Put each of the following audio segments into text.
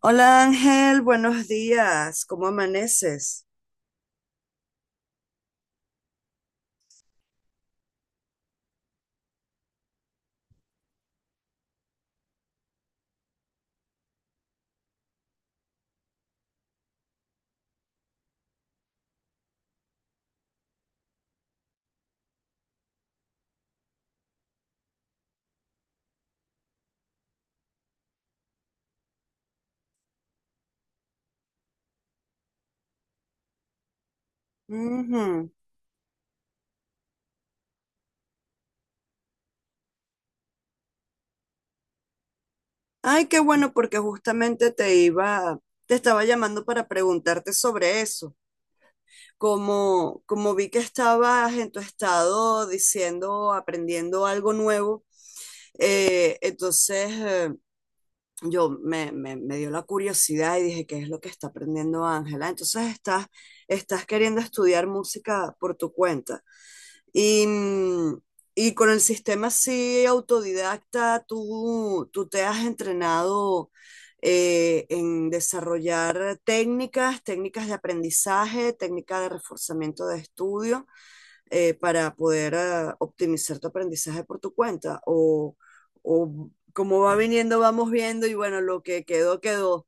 Hola, Ángel, buenos días, ¿cómo amaneces? Ujú. Ay, qué bueno, porque justamente te iba, te estaba llamando para preguntarte sobre eso. Como, como vi que estabas en tu estado diciendo, aprendiendo algo nuevo, entonces me dio la curiosidad y dije, ¿qué es lo que está aprendiendo Ángela? Entonces estás, estás queriendo estudiar música por tu cuenta. Y, mm, y con el sistema así autodidacta, tú te has entrenado en desarrollar técnicas, técnicas de aprendizaje, técnicas de reforzamiento de estudio, para poder optimizar tu aprendizaje por tu cuenta. O como va viniendo, vamos viendo y bueno, lo que quedó, quedó.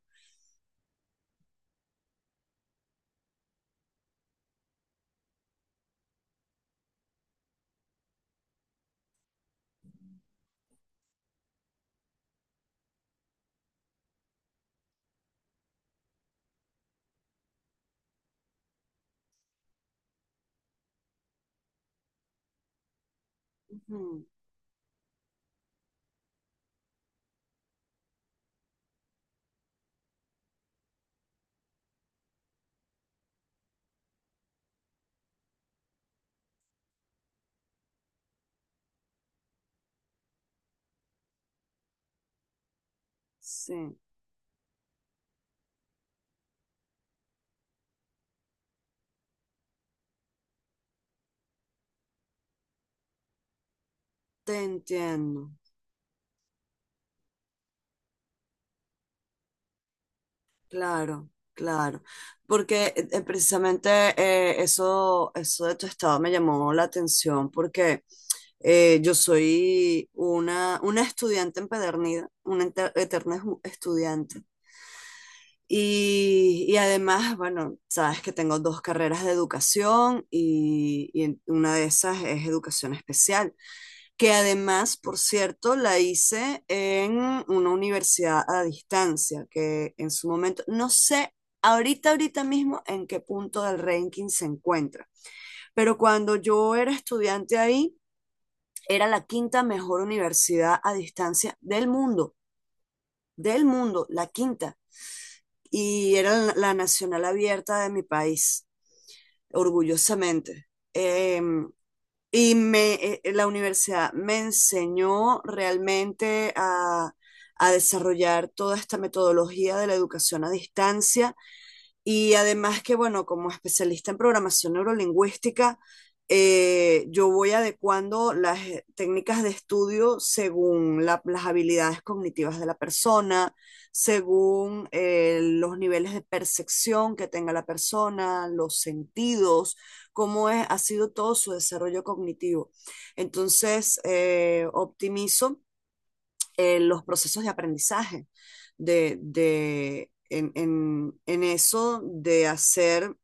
Ujú. Sí, te entiendo. Claro, claro. Porque precisamente eso, eso de tu estado me llamó la atención porque yo soy una estudiante empedernida, una eterna estudiante. Y además, bueno, sabes que tengo dos carreras de educación y, una de esas es educación especial, que además, por cierto, la hice en una universidad a distancia, que en su momento, no sé ahorita, ahorita mismo en qué punto del ranking se encuentra, pero cuando yo era estudiante ahí, era la quinta mejor universidad a distancia del mundo, la quinta, y era la Nacional Abierta de mi país, orgullosamente. Eh, Y me, la universidad me enseñó realmente a desarrollar toda esta metodología de la educación a distancia, y además que, bueno, como especialista en programación neurolingüística, yo voy adecuando las técnicas de estudio según las habilidades cognitivas de la persona, según los niveles de percepción que tenga la persona, los sentidos, ha sido todo su desarrollo cognitivo. Entonces, optimizo los procesos de aprendizaje, en eso de hacer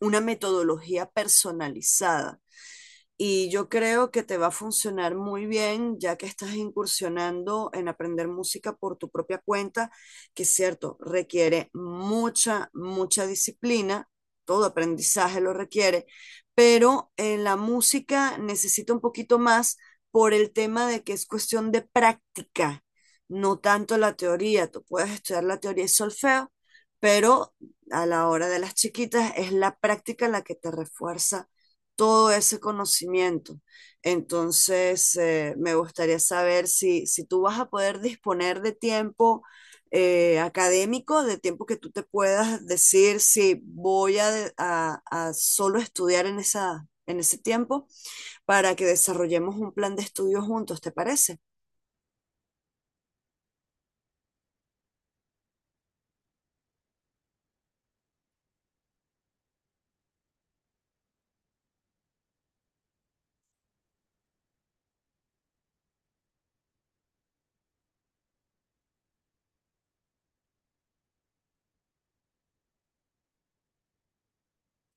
una metodología personalizada, y yo creo que te va a funcionar muy bien, ya que estás incursionando en aprender música por tu propia cuenta, que es cierto, requiere mucha, mucha disciplina, todo aprendizaje lo requiere, pero en la música necesita un poquito más por el tema de que es cuestión de práctica, no tanto la teoría. Tú puedes estudiar la teoría y solfeo, pero a la hora de las chiquitas es la práctica la que te refuerza todo ese conocimiento. Entonces, me gustaría saber si, si tú vas a poder disponer de tiempo académico, de tiempo que tú te puedas decir si voy a, a solo estudiar en esa, en ese tiempo, para que desarrollemos un plan de estudio juntos, ¿te parece?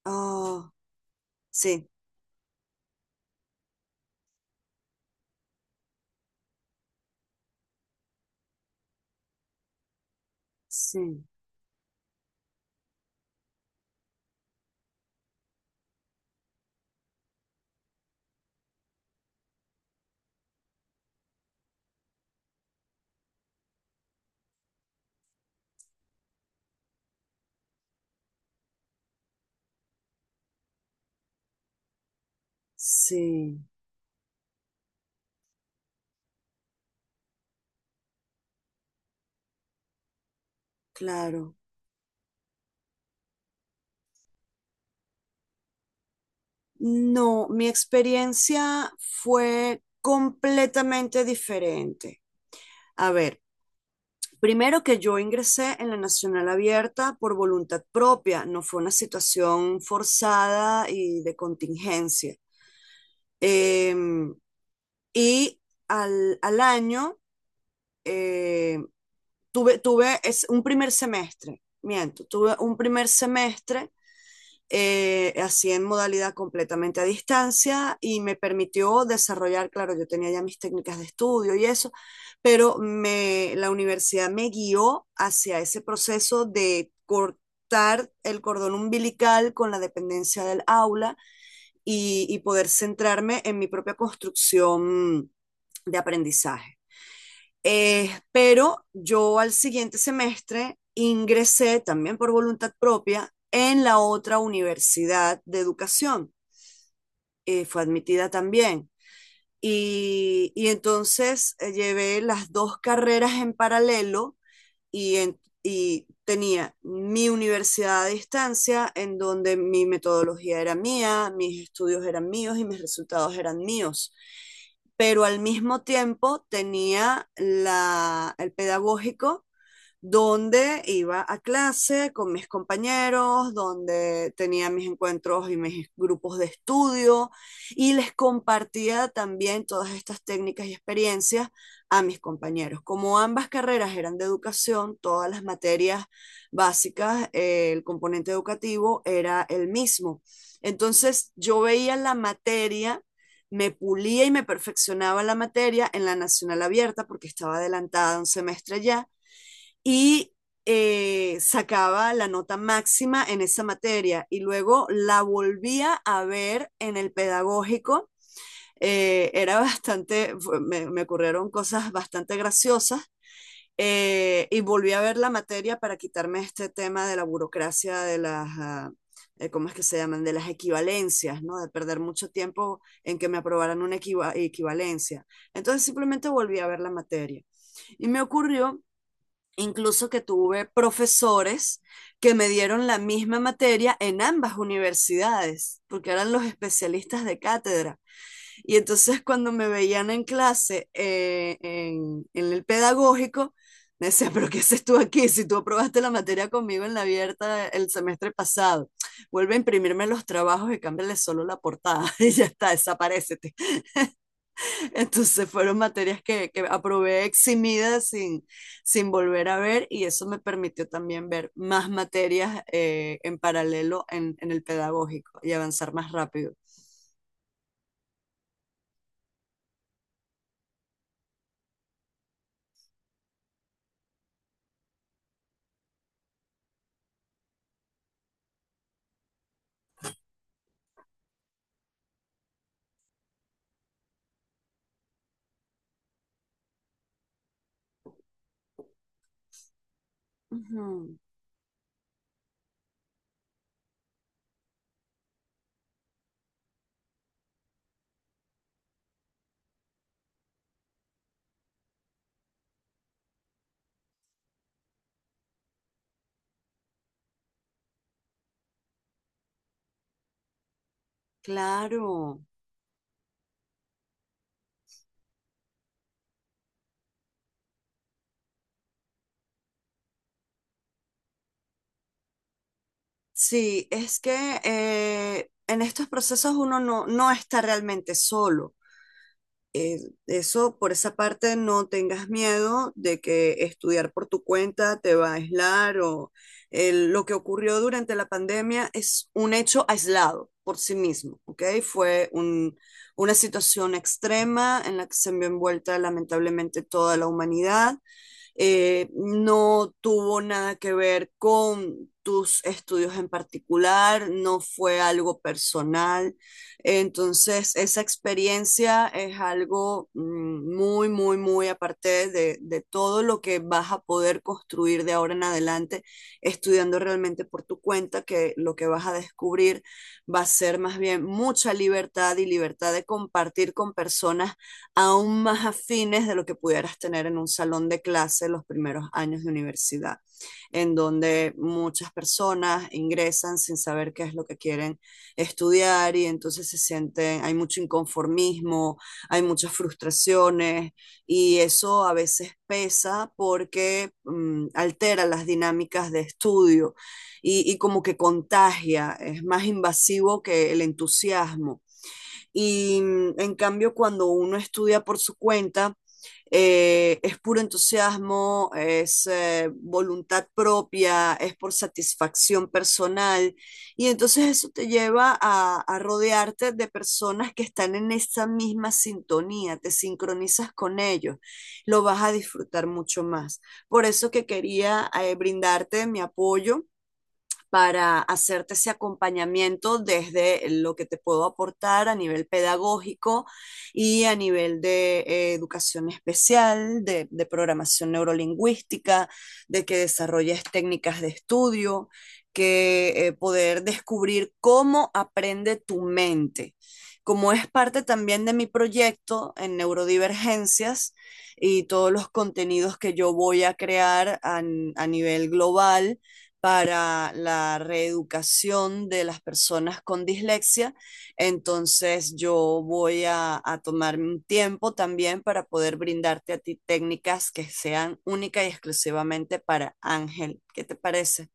Ah, sí, sí, sí, claro. No, mi experiencia fue completamente diferente. A ver, primero que yo ingresé en la Nacional Abierta por voluntad propia, no fue una situación forzada y de contingencia. Eh, y al, al año eh, tuve, tuve es un primer semestre, miento, tuve un primer semestre así en modalidad completamente a distancia, y me permitió desarrollar, claro, yo tenía ya mis técnicas de estudio y eso, pero me, la universidad me guió hacia ese proceso de cortar el cordón umbilical con la dependencia del aula, y poder centrarme en mi propia construcción de aprendizaje. Pero yo al siguiente semestre ingresé también por voluntad propia en la otra universidad de educación. Fue admitida también. Y entonces llevé las dos carreras en paralelo, y, y tenía mi universidad a distancia en donde mi metodología era mía, mis estudios eran míos y mis resultados eran míos. Pero al mismo tiempo tenía la, el pedagógico, donde iba a clase con mis compañeros, donde tenía mis encuentros y mis grupos de estudio, y les compartía también todas estas técnicas y experiencias a mis compañeros. Como ambas carreras eran de educación, todas las materias básicas, el componente educativo era el mismo. Entonces yo veía la materia, me pulía y me perfeccionaba la materia en la Nacional Abierta porque estaba adelantada un semestre ya, y sacaba la nota máxima en esa materia y luego la volvía a ver en el pedagógico. Era bastante, me, ocurrieron cosas bastante graciosas, y volví a ver la materia para quitarme este tema de la burocracia de las... Uh, ¿cómo es que se llaman? De las equivalencias, ¿no? De perder mucho tiempo en que me aprobaran una equivalencia. Entonces simplemente volví a ver la materia. Y me ocurrió incluso que tuve profesores que me dieron la misma materia en ambas universidades, porque eran los especialistas de cátedra. Y entonces cuando me veían en clase, en el pedagógico, me decía, pero ¿qué haces tú aquí si tú aprobaste la materia conmigo en la abierta el semestre pasado? Vuelve a imprimirme los trabajos y cámbiale solo la portada y ya está, desaparecete. Entonces fueron materias que aprobé eximidas sin, sin volver a ver, y eso me permitió también ver más materias en paralelo en el pedagógico y avanzar más rápido. Ujú, claro. Sí, es que en estos procesos uno no, no está realmente solo. eh, Eso, por esa parte, no tengas miedo de que estudiar por tu cuenta te va a aislar, o lo que ocurrió durante la pandemia es un hecho aislado por sí mismo, ¿ok? Una situación extrema en la que se vio envuelta lamentablemente toda la humanidad. No tuvo nada que ver con tus estudios en particular, no fue algo personal. Entonces, esa experiencia es algo muy, muy, muy aparte de todo lo que vas a poder construir de ahora en adelante, estudiando realmente por tu cuenta, que lo que vas a descubrir va a ser más bien mucha libertad, y libertad de compartir con personas aún más afines de lo que pudieras tener en un salón de clase los primeros años de universidad, en donde muchas personas ingresan sin saber qué es lo que quieren estudiar, y entonces se sienten, hay mucho inconformismo, hay muchas frustraciones, y eso a veces pesa porque altera las dinámicas de estudio, y como que contagia, es más invasivo que el entusiasmo. Y en cambio, cuando uno estudia por su cuenta, es puro entusiasmo, es voluntad propia, es por satisfacción personal. Y entonces eso te lleva a rodearte de personas que están en esa misma sintonía, te sincronizas con ellos, lo vas a disfrutar mucho más. Por eso que quería brindarte mi apoyo para hacerte ese acompañamiento desde lo que te puedo aportar a nivel pedagógico, y a nivel de educación especial, de programación neurolingüística, de que desarrolles técnicas de estudio, que poder descubrir cómo aprende tu mente. Como es parte también de mi proyecto en neurodivergencias y todos los contenidos que yo voy a crear a nivel global, para la reeducación de las personas con dislexia. Entonces yo voy a tomarme un tiempo también para poder brindarte a ti técnicas que sean únicas y exclusivamente para Ángel. ¿Qué te parece?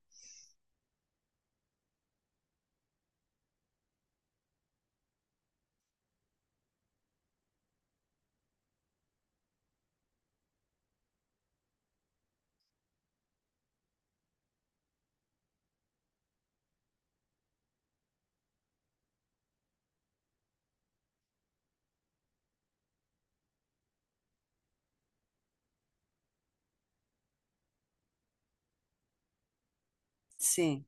Sí,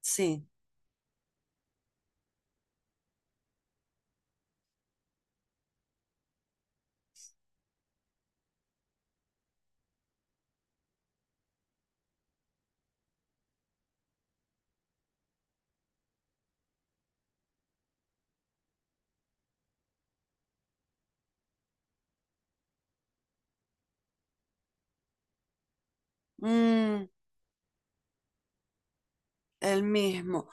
sí. Mm, el mismo.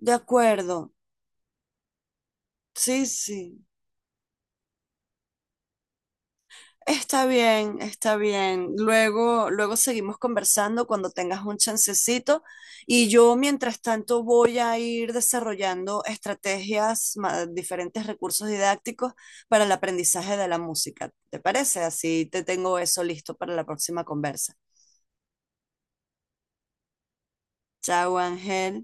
De acuerdo. Sí, sí. Está bien, está bien. Luego, luego seguimos conversando cuando tengas un chancecito, y yo mientras tanto voy a ir desarrollando estrategias, diferentes recursos didácticos para el aprendizaje de la música. ¿Te parece? Así te tengo eso listo para la próxima conversa. Chao, Ángel.